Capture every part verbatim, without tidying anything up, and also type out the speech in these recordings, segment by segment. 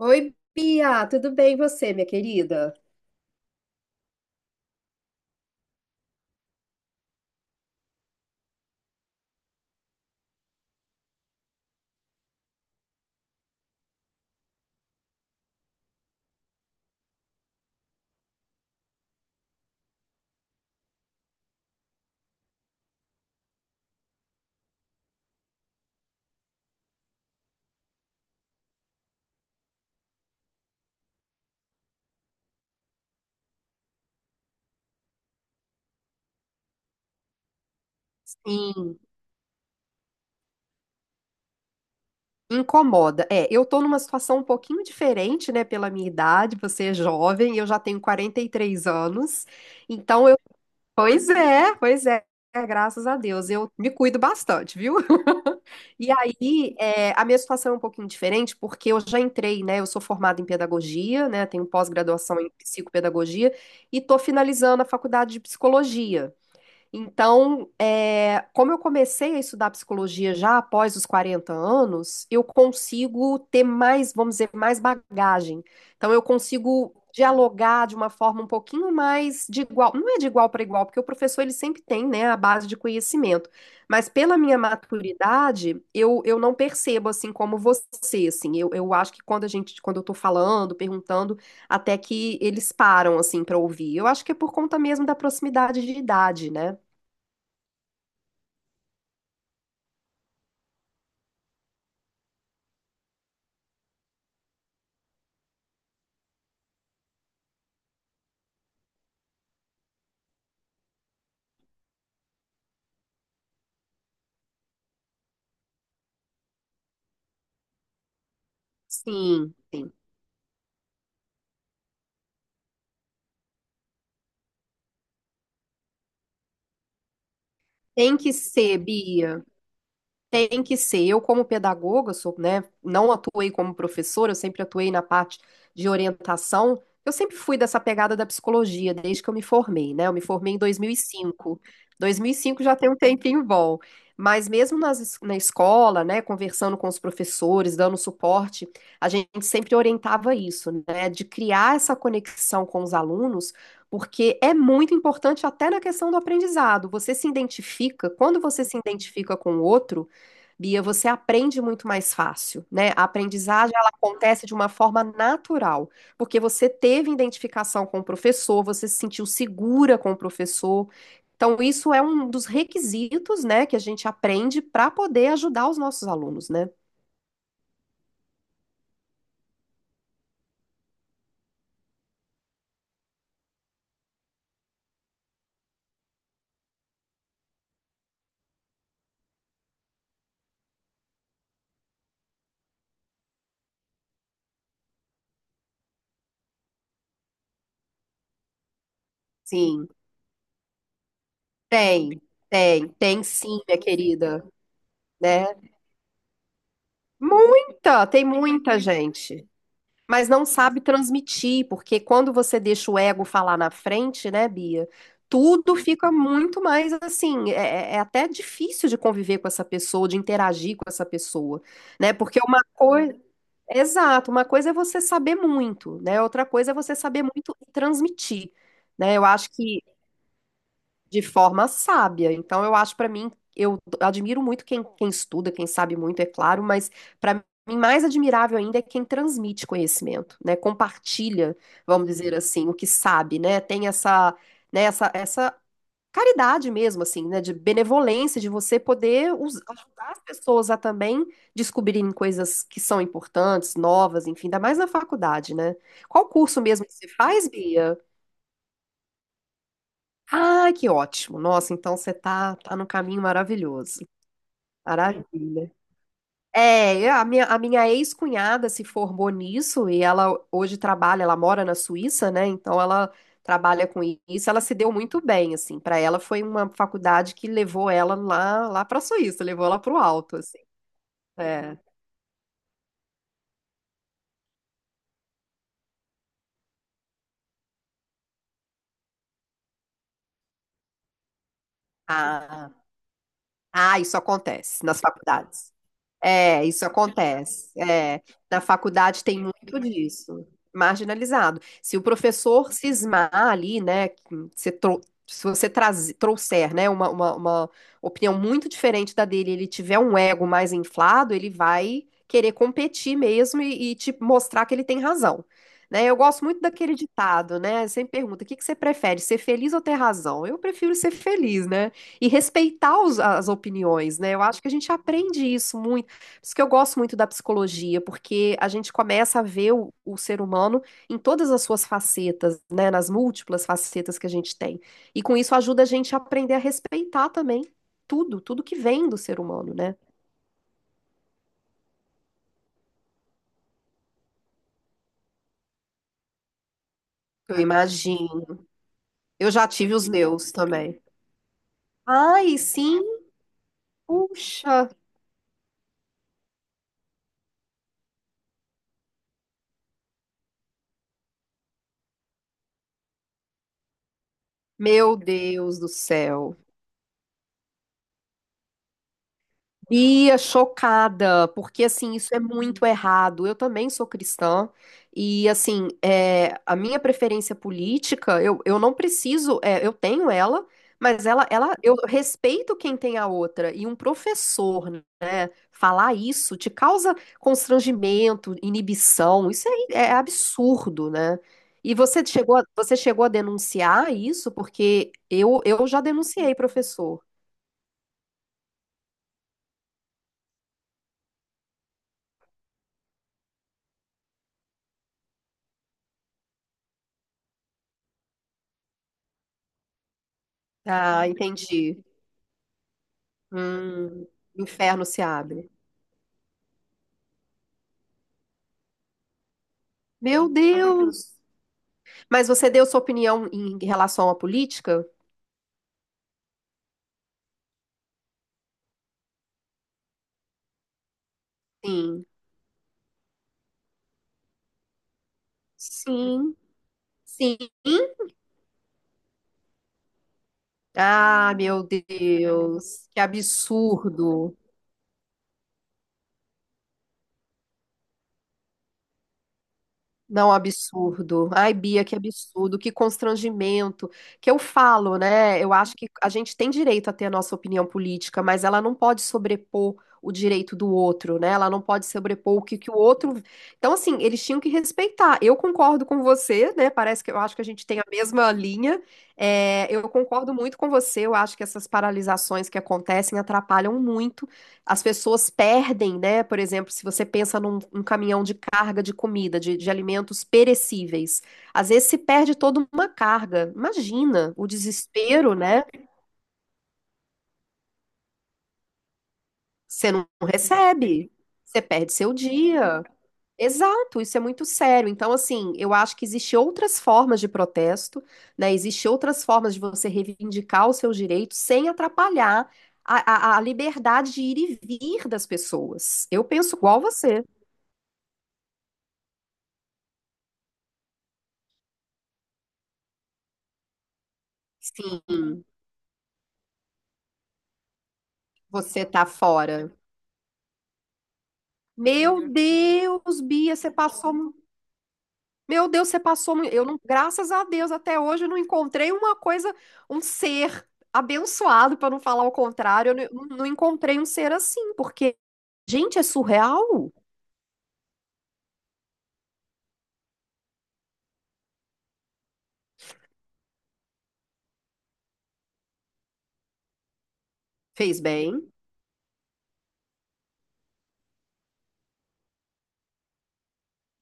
Oi, Bia, tudo bem e você, minha querida? Sim, incomoda. É, eu tô numa situação um pouquinho diferente, né, pela minha idade, você é jovem, eu já tenho quarenta e três anos. Então eu, pois é, pois é, graças a Deus, eu me cuido bastante, viu? E aí, é, a minha situação é um pouquinho diferente, porque eu já entrei, né? Eu sou formada em pedagogia, né? Tenho pós-graduação em psicopedagogia e estou finalizando a faculdade de psicologia. Então, é, como eu comecei a estudar psicologia já após os quarenta anos, eu consigo ter mais, vamos dizer, mais bagagem. Então, eu consigo dialogar de uma forma um pouquinho mais de igual, não é de igual para igual, porque o professor ele sempre tem, né, a base de conhecimento. Mas pela minha maturidade, eu, eu não percebo assim como você, assim. Eu, eu acho que quando a gente, quando eu estou falando, perguntando, até que eles param assim para ouvir. Eu acho que é por conta mesmo da proximidade de idade, né? Sim, sim. Tem que ser, Bia. Tem que ser. Eu, como pedagoga, sou, né, não atuei como professora, eu sempre atuei na parte de orientação. Eu sempre fui dessa pegada da psicologia, desde que eu me formei, né? Eu me formei em dois dois mil mil e cinco dois mil e cinco já tem um tempinho bom. Mas mesmo nas, es- na escola, né, conversando com os professores, dando suporte, a gente sempre orientava isso, né, de criar essa conexão com os alunos, porque é muito importante até na questão do aprendizado. Você se identifica, quando você se identifica com o outro, Bia, você aprende muito mais fácil, né? A aprendizagem ela acontece de uma forma natural, porque você teve identificação com o professor, você se sentiu segura com o professor. Então, isso é um dos requisitos, né, que a gente aprende para poder ajudar os nossos alunos, né? Sim, tem, tem, tem sim, minha querida, né? Muita, tem muita gente. Mas não sabe transmitir, porque quando você deixa o ego falar na frente, né, Bia? Tudo fica muito mais assim. É, é é até difícil de conviver com essa pessoa, de interagir com essa pessoa, né? Porque uma coisa. Exato, uma coisa é você saber muito, né? Outra coisa é você saber muito e transmitir, né? Eu acho que de forma sábia. Então, eu acho para mim, eu admiro muito quem, quem estuda, quem sabe muito, é claro, mas para mim mais admirável ainda é quem transmite conhecimento, né? Compartilha, vamos dizer assim, o que sabe, né? Tem essa, né, essa, essa caridade mesmo, assim, né? De benevolência, de você poder us- ajudar as pessoas a também descobrirem coisas que são importantes, novas, enfim, ainda mais na faculdade, né? Qual curso mesmo que você faz, Bia? Ah, que ótimo. Nossa, então você tá, tá no caminho maravilhoso. Maravilha. É, a minha, a minha ex-cunhada se formou nisso e ela hoje trabalha, ela mora na Suíça, né? Então ela trabalha com isso, ela se deu muito bem, assim. Para ela foi uma faculdade que levou ela lá, lá para a Suíça, levou ela para o alto, assim. É. Ah, ah, isso acontece nas faculdades. É, isso acontece. É, na faculdade tem muito disso, marginalizado. Se o professor cismar ali, né, que você tro- se você traz- trouxer, né, uma, uma, uma opinião muito diferente da dele, ele tiver um ego mais inflado, ele vai querer competir mesmo e, e te mostrar que ele tem razão. Né, eu gosto muito daquele ditado, né? Sempre pergunta, o que que você prefere, ser feliz ou ter razão? Eu prefiro ser feliz, né? E respeitar os- as opiniões, né? Eu acho que a gente aprende isso muito por isso que eu gosto muito da psicologia, porque a gente começa a ver o, o ser humano em todas as suas facetas, né? Nas múltiplas facetas que a gente tem. E com isso ajuda a gente a aprender a respeitar também tudo, tudo que vem do ser humano, né? Eu imagino. Eu já tive os meus também. Ai, sim, puxa, meu Deus do céu. Ia chocada, porque assim, isso é muito errado. Eu também sou cristã, e assim, é, a minha preferência política, eu, eu não preciso, é, eu tenho ela, mas ela, ela, eu respeito quem tem a outra. E um professor, né, falar isso te causa constrangimento, inibição, isso é, é absurdo, né? E você chegou a, você chegou a denunciar isso, porque eu, eu já denunciei, professor. Ah, entendi. Hum, o inferno se abre. Meu Deus! Mas você deu sua opinião em relação à política? Sim. Sim. Sim. Ah, meu Deus! Que absurdo! Não, absurdo. Ai, Bia, que absurdo, que constrangimento. Que eu falo, né? Eu acho que a gente tem direito a ter a nossa opinião política, mas ela não pode sobrepor o direito do outro, né? Ela não pode sobrepor o que, que o outro. Então, assim, eles tinham que respeitar. Eu concordo com você, né? Parece que eu acho que a gente tem a mesma linha. É, eu concordo muito com você. Eu acho que essas paralisações que acontecem atrapalham muito as pessoas perdem, né? Por exemplo, se você pensa num, num caminhão de carga de comida, de, de alimentos perecíveis, às vezes se perde toda uma carga. Imagina o desespero, né? Você não recebe, você perde seu dia. Exato, isso é muito sério. Então, assim, eu acho que existem outras formas de protesto, né? Existem outras formas de você reivindicar os seus direitos sem atrapalhar a, a a liberdade de ir e vir das pessoas. Eu penso igual você. Sim. Você tá fora. Meu Deus, Bia, você passou. mu- Meu Deus, você passou. mu- Eu não, graças a Deus, até hoje eu não encontrei uma coisa, um ser abençoado, para não falar o contrário. Eu não, não encontrei um ser assim, porque, gente, é surreal. Fez bem.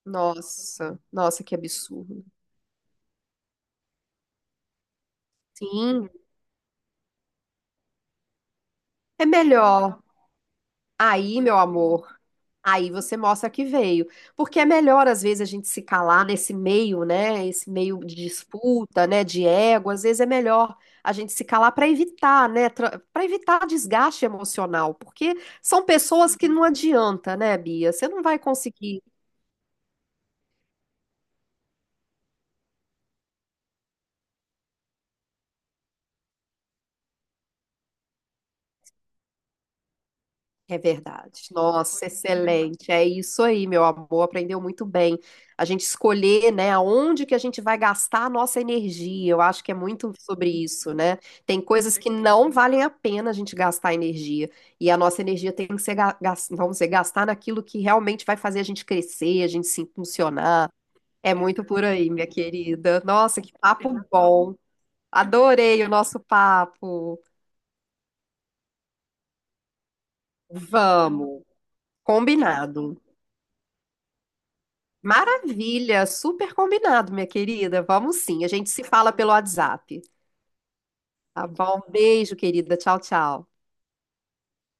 Nossa, nossa, que absurdo. Sim, é melhor. Aí, meu amor. Aí você mostra que veio. Porque é melhor, às vezes, a gente se calar nesse meio, né? Esse meio de disputa, né? De ego. Às vezes é melhor a gente se calar para evitar, né? Para evitar desgaste emocional. Porque são pessoas que não adianta, né, Bia? Você não vai conseguir. É verdade. Nossa, excelente. É isso aí, meu amor. Aprendeu muito bem. A gente escolher, né, aonde que a gente vai gastar a nossa energia. Eu acho que é muito sobre isso, né? Tem coisas que não valem a pena a gente gastar energia. E a nossa energia tem que ser, ga- gas- vamos dizer, gastar naquilo que realmente vai fazer a gente crescer, a gente se funcionar. É muito por aí, minha querida. Nossa, que papo bom. Adorei o nosso papo. Vamos. Combinado. Maravilha, super combinado, minha querida. Vamos sim, a gente se fala pelo WhatsApp. Tá bom? Beijo, querida. Tchau, tchau.